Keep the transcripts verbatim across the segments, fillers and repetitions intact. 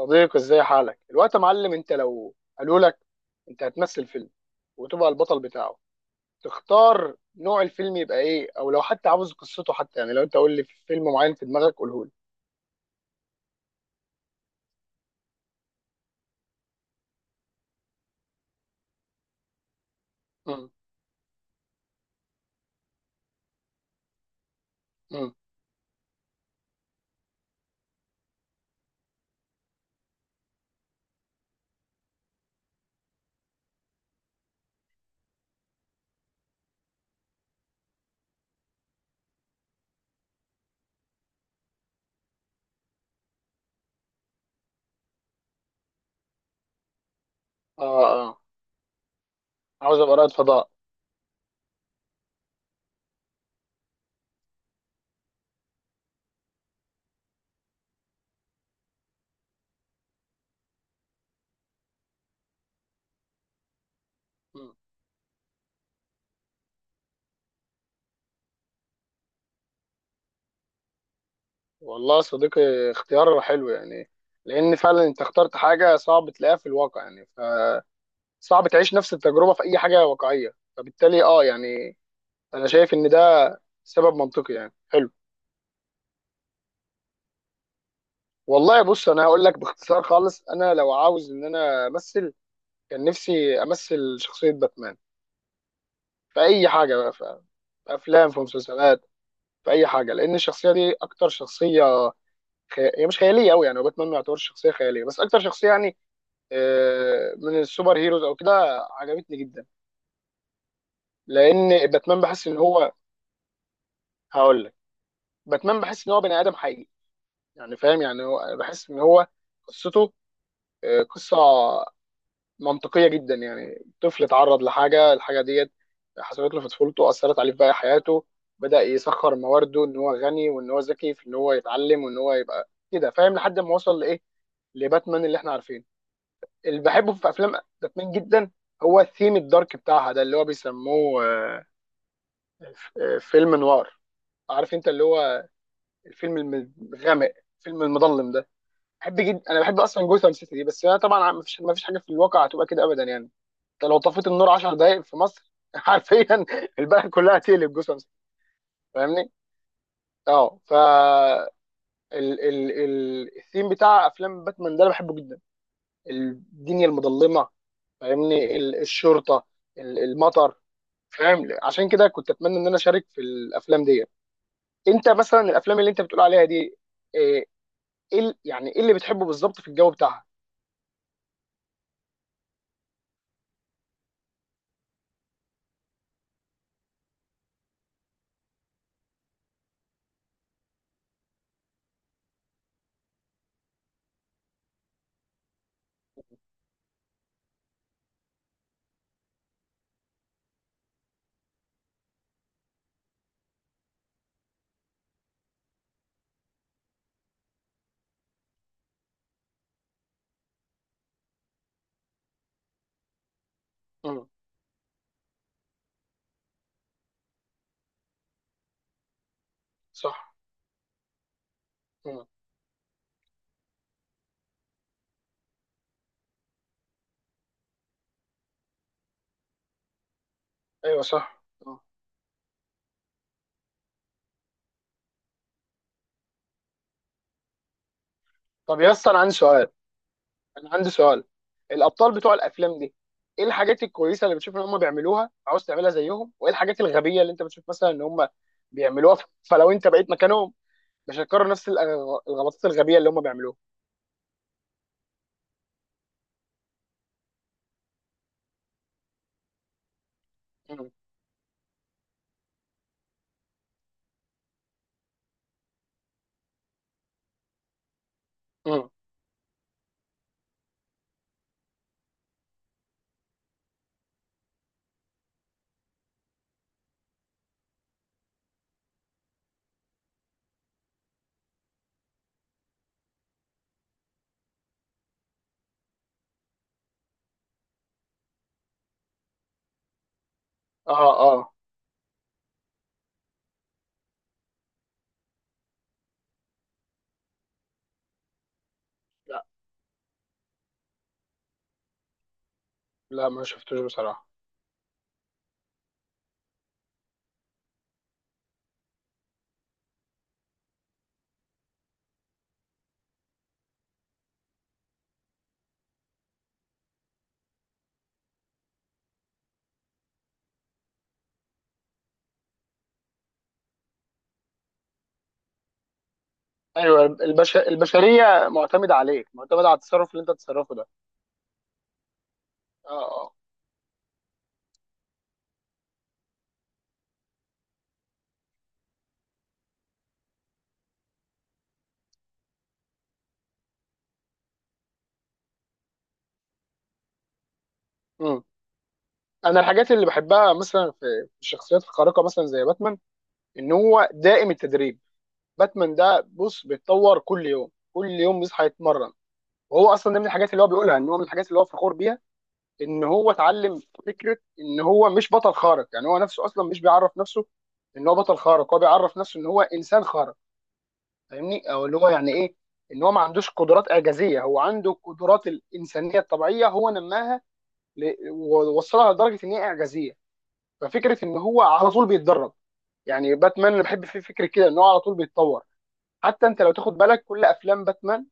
صديقي، ازاي حالك الوقت يا معلم؟ انت لو قالوا لك انت هتمثل فيلم وتبقى البطل بتاعه، تختار نوع الفيلم يبقى ايه؟ او لو حتى عاوز قصته، حتى يعني، لو انت قول لي فيلم معين في دماغك قوله لي. مم. مم. اه اه. عاوز ابقى رائد فضاء. مم. والله يا صديقي، اختيار حلو يعني، لان فعلا انت اخترت حاجه صعب تلاقيها في الواقع يعني. فصعب تعيش نفس التجربه في اي حاجه واقعيه. فبالتالي اه يعني، انا شايف ان ده سبب منطقي يعني حلو. والله بص، انا هقول لك باختصار خالص، انا لو عاوز ان انا امثل، كان نفسي امثل شخصيه باتمان في اي حاجه بقى، في في افلام، في مسلسلات، في اي حاجه، لان الشخصيه دي اكتر شخصيه، خي... هي مش خياليه قوي يعني. وباتمان ما يعتبرش شخصيه خياليه، بس اكتر شخصيه يعني آه، من السوبر هيروز او كده، عجبتني جدا. لان باتمان بحس ان هو، هقول لك، باتمان بحس ان هو بني ادم حقيقي، يعني فاهم، يعني هو بحس ان هو قصته، آه، قصه منطقيه جدا. يعني طفل اتعرض لحاجه، الحاجه ديت حصلت له في طفولته، اثرت عليه في باقي حياته. بدا يسخر موارده، ان هو غني وان هو ذكي، في ان هو يتعلم وان هو يبقى كده فاهم، لحد ما وصل لايه، لباتمان اللي احنا عارفينه، اللي بحبه في افلام باتمان جدا، هو الثيم الدارك بتاعها ده، اللي هو بيسموه آه، فيلم نوار، عارف انت، اللي هو الفيلم الم- الغامق، الفيلم المظلم ده. بحب جدا، انا بحب اصلا جوثام سيتي دي. بس انا طبعا ما فيش ما فيش حاجه في الواقع هتبقى كده ابدا يعني. انت لو طفيت النور 10 دقائق في مصر حرفيا البلد كلها تقلب جثث، فاهمني؟ اه، ف ال ال ال الثيم بتاع افلام باتمان ده انا بحبه جدا، الدنيا المظلمه، فاهمني، ال- الشرطه، ال- المطر، فاهم. عشان كده كنت اتمنى ان انا اشارك في الافلام دي. انت مثلا الافلام اللي انت بتقول عليها دي ايه؟ إيه ال- يعني ايه اللي بتحبه بالظبط في الجو بتاعها؟ امم. صح. امم. ايوه، صح. مم. طب يا اسطى، انا عندي سؤال، انا عندي سؤال، الابطال بتوع الافلام دي، ايه الحاجات الكويسه اللي بتشوف ان هم بيعملوها عاوز تعملها زيهم؟ وايه الحاجات الغبيه اللي انت بتشوف مثلا ان هم بيعملوها، ف- فلو انت بقيت مكانهم مش هتكرر نفس الأغ- الغلطات الغبيه اللي هم بيعملوها؟ مم. مم. اه اه. لا لا، ما شفتوش بصراحه. ايوه، البش... البشريه معتمده عليك، معتمده على التصرف اللي انت بتتصرفه ده. اه اه. مم. انا الحاجات اللي بحبها مثلا، في في الشخصيات الخارقه مثلا زي باتمان، ان هو دائم التدريب. باتمان ده بص بيتطور كل يوم، كل يوم بيصحى يتمرن، وهو اصلا ده من الحاجات اللي هو بيقولها، ان هو من الحاجات اللي هو فخور بيها، ان هو اتعلم. فكره ان هو مش بطل خارق يعني، هو نفسه اصلا مش بيعرف نفسه ان هو بطل خارق، هو بيعرف نفسه ان هو انسان خارق، فاهمني، او اللي هو يعني ايه، ان هو ما عندوش قدرات اعجازيه، هو عنده القدرات الانسانيه الطبيعيه هو نماها ل- ووصلها لدرجه ان هي اعجازيه. ففكره ان هو على طول بيتدرب، يعني باتمان، انا بحب فيه فكره كده، ان هو على طول بيتطور. حتى انت لو تاخد بالك كل افلام باتمان،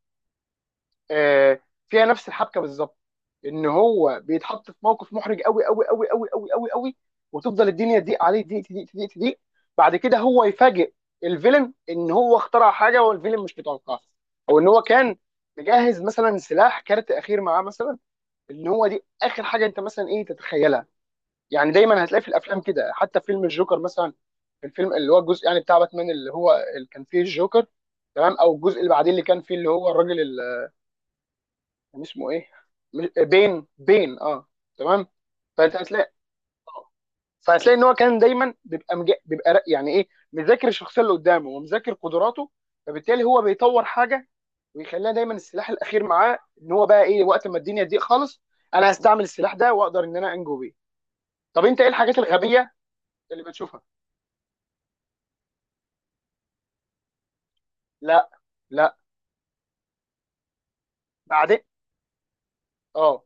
آه، فيها نفس الحبكه بالظبط، ان هو بيتحط في موقف محرج قوي قوي قوي قوي قوي قوي قوي، وتفضل الدنيا تضيق عليه، تضيق تضيق تضيق تضيق. بعد كده هو يفاجئ الفيلن ان هو اخترع حاجه والفيلن مش متوقعها، او ان هو كان مجهز مثلا سلاح، كارت اخير معاه مثلا، ان هو دي اخر حاجه انت مثلا ايه تتخيلها. يعني دايما هتلاقي في الافلام كده. حتى في فيلم الجوكر مثلا، الفيلم اللي هو الجزء يعني بتاع باتمان، اللي هو اللي كان فيه الجوكر، تمام؟ او الجزء اللي بعدين، اللي كان فيه اللي هو الراجل، كان اسمه ايه؟ مش- آه، بين، بين، اه، تمام. فانت هتلاقي، آه، فهتلاقي ان هو كان دايما بيبقى، مج... بيبقى ر- يعني ايه، مذاكر الشخصيه اللي قدامه ومذاكر قدراته. فبالتالي هو بيطور حاجه ويخليها دايما السلاح الاخير معاه، ان هو بقى ايه، وقت ما الدنيا تضيق خالص انا هستعمل السلاح ده واقدر ان انا انجو بيه. طب انت ايه الحاجات الغبيه اللي بتشوفها؟ لا لا. بعدين اه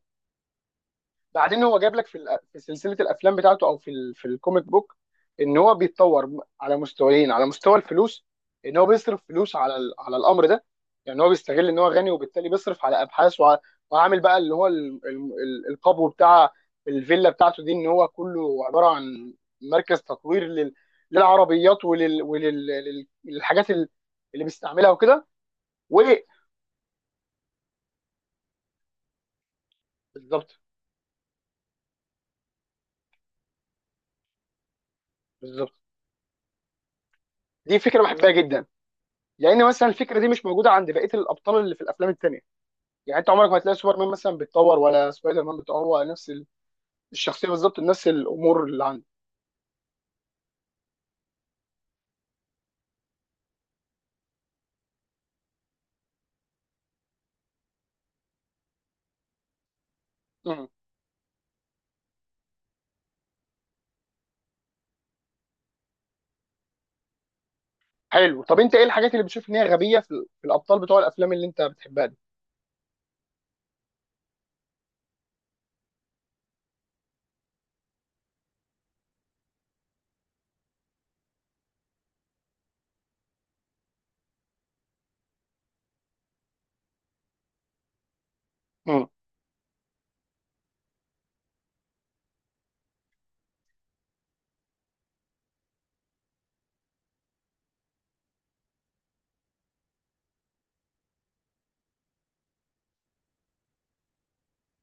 بعدين هو جايب لك في الأ- في سلسله الافلام بتاعته، او في ال- في الكوميك بوك، ان هو بيتطور على مستويين، على مستوى الفلوس، ان هو بيصرف فلوس على ال- على الامر ده. يعني هو بيستغل ان هو غني وبالتالي بيصرف على ابحاث، وع- وعامل بقى اللي هو ال- ال- ال- القبو بتاع الفيلا بتاعته دي، ان هو كله عباره عن مركز تطوير لل- للعربيات وللحاجات ولل... لل- للحاجات ال- اللي بيستعملها وكده. و بالظبط. بالظبط، دي فكره بحبها جدا، لان مثلا الفكره دي مش موجوده عند بقيه الابطال اللي في الافلام التانيه. يعني انت عمرك ما هتلاقي سوبرمان مثلا بيتطور، ولا سبايدر مان بيتطور، نفس ال- الشخصيه بالظبط، نفس الامور اللي عنده. مم. حلو. طب انت ايه الحاجات اللي بتشوف ان هي غبيه في ال- في الابطال بتوع الافلام اللي انت بتحبها دي؟ مم.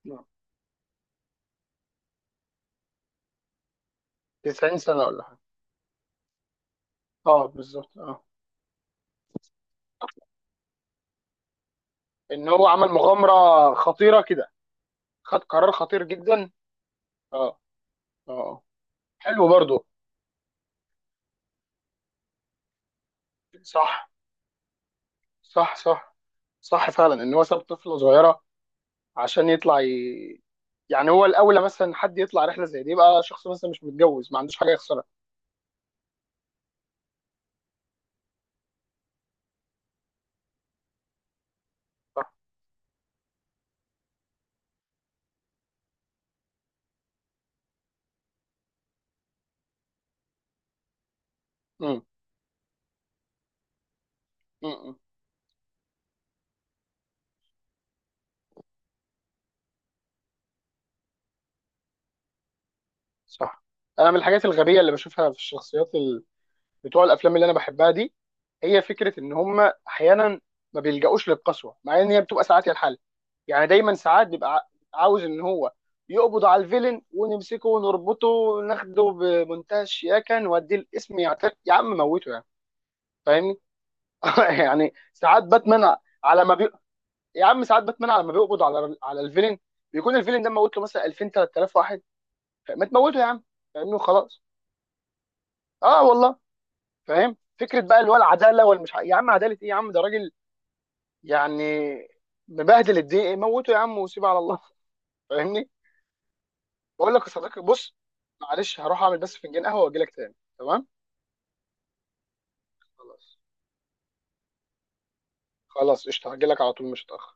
مم. تسعين سنة سنه ولا حاجه. اه بالظبط اه. ان هو عمل مغامره خطيره كده، خد قرار خطير جدا. اه. اه اه. حلو برضو. صح. صح صح. صح فعلا، ان هو ساب طفله صغيره عشان يطلع ي... يعني هو الاولى مثلا، حد يطلع رحله زي دي يبقى شخص مثلا مش متجوز ما عندوش حاجه يخسرها. صح. امم. امم. صح. انا من الحاجات الغبيه اللي بشوفها في الشخصيات ال... بتوع الافلام اللي انا بحبها دي، هي فكره ان هم احيانا ما بيلجأوش للقسوه مع ان هي بتبقى ساعات هي الحل. يعني دايما ساعات بيبقى ع- عاوز ان هو يقبض على الفيلن ونمسكه ونربطه وناخده بمنتهى الشياكه نوديه القسم يعترف، يا عم موته يعني. فاهمني. يعني ساعات باتمان، على ما بي... يا عم ساعات باتمان لما بيقبض على على الفيلن، بيكون الفيلن ده موت له مثلا ألفين تلات آلاف واحد، ما تموته يا عم؟ فاهمني. خلاص. اه والله. فاهم فكره بقى، اللي هو العداله والمش ع- يا عم، عداله ايه يا عم، ده راجل يعني مبهدل الدنيا، موته يا عم وسيبه على الله. فاهمني. بقول لك يا صديقي بص، معلش هروح اعمل بس فنجان قهوه واجي لك تاني، تمام؟ خلاص. خلاص قشطه، هجي لك على طول مش هتاخر.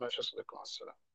ماشي يا صديقي، مع السلامه.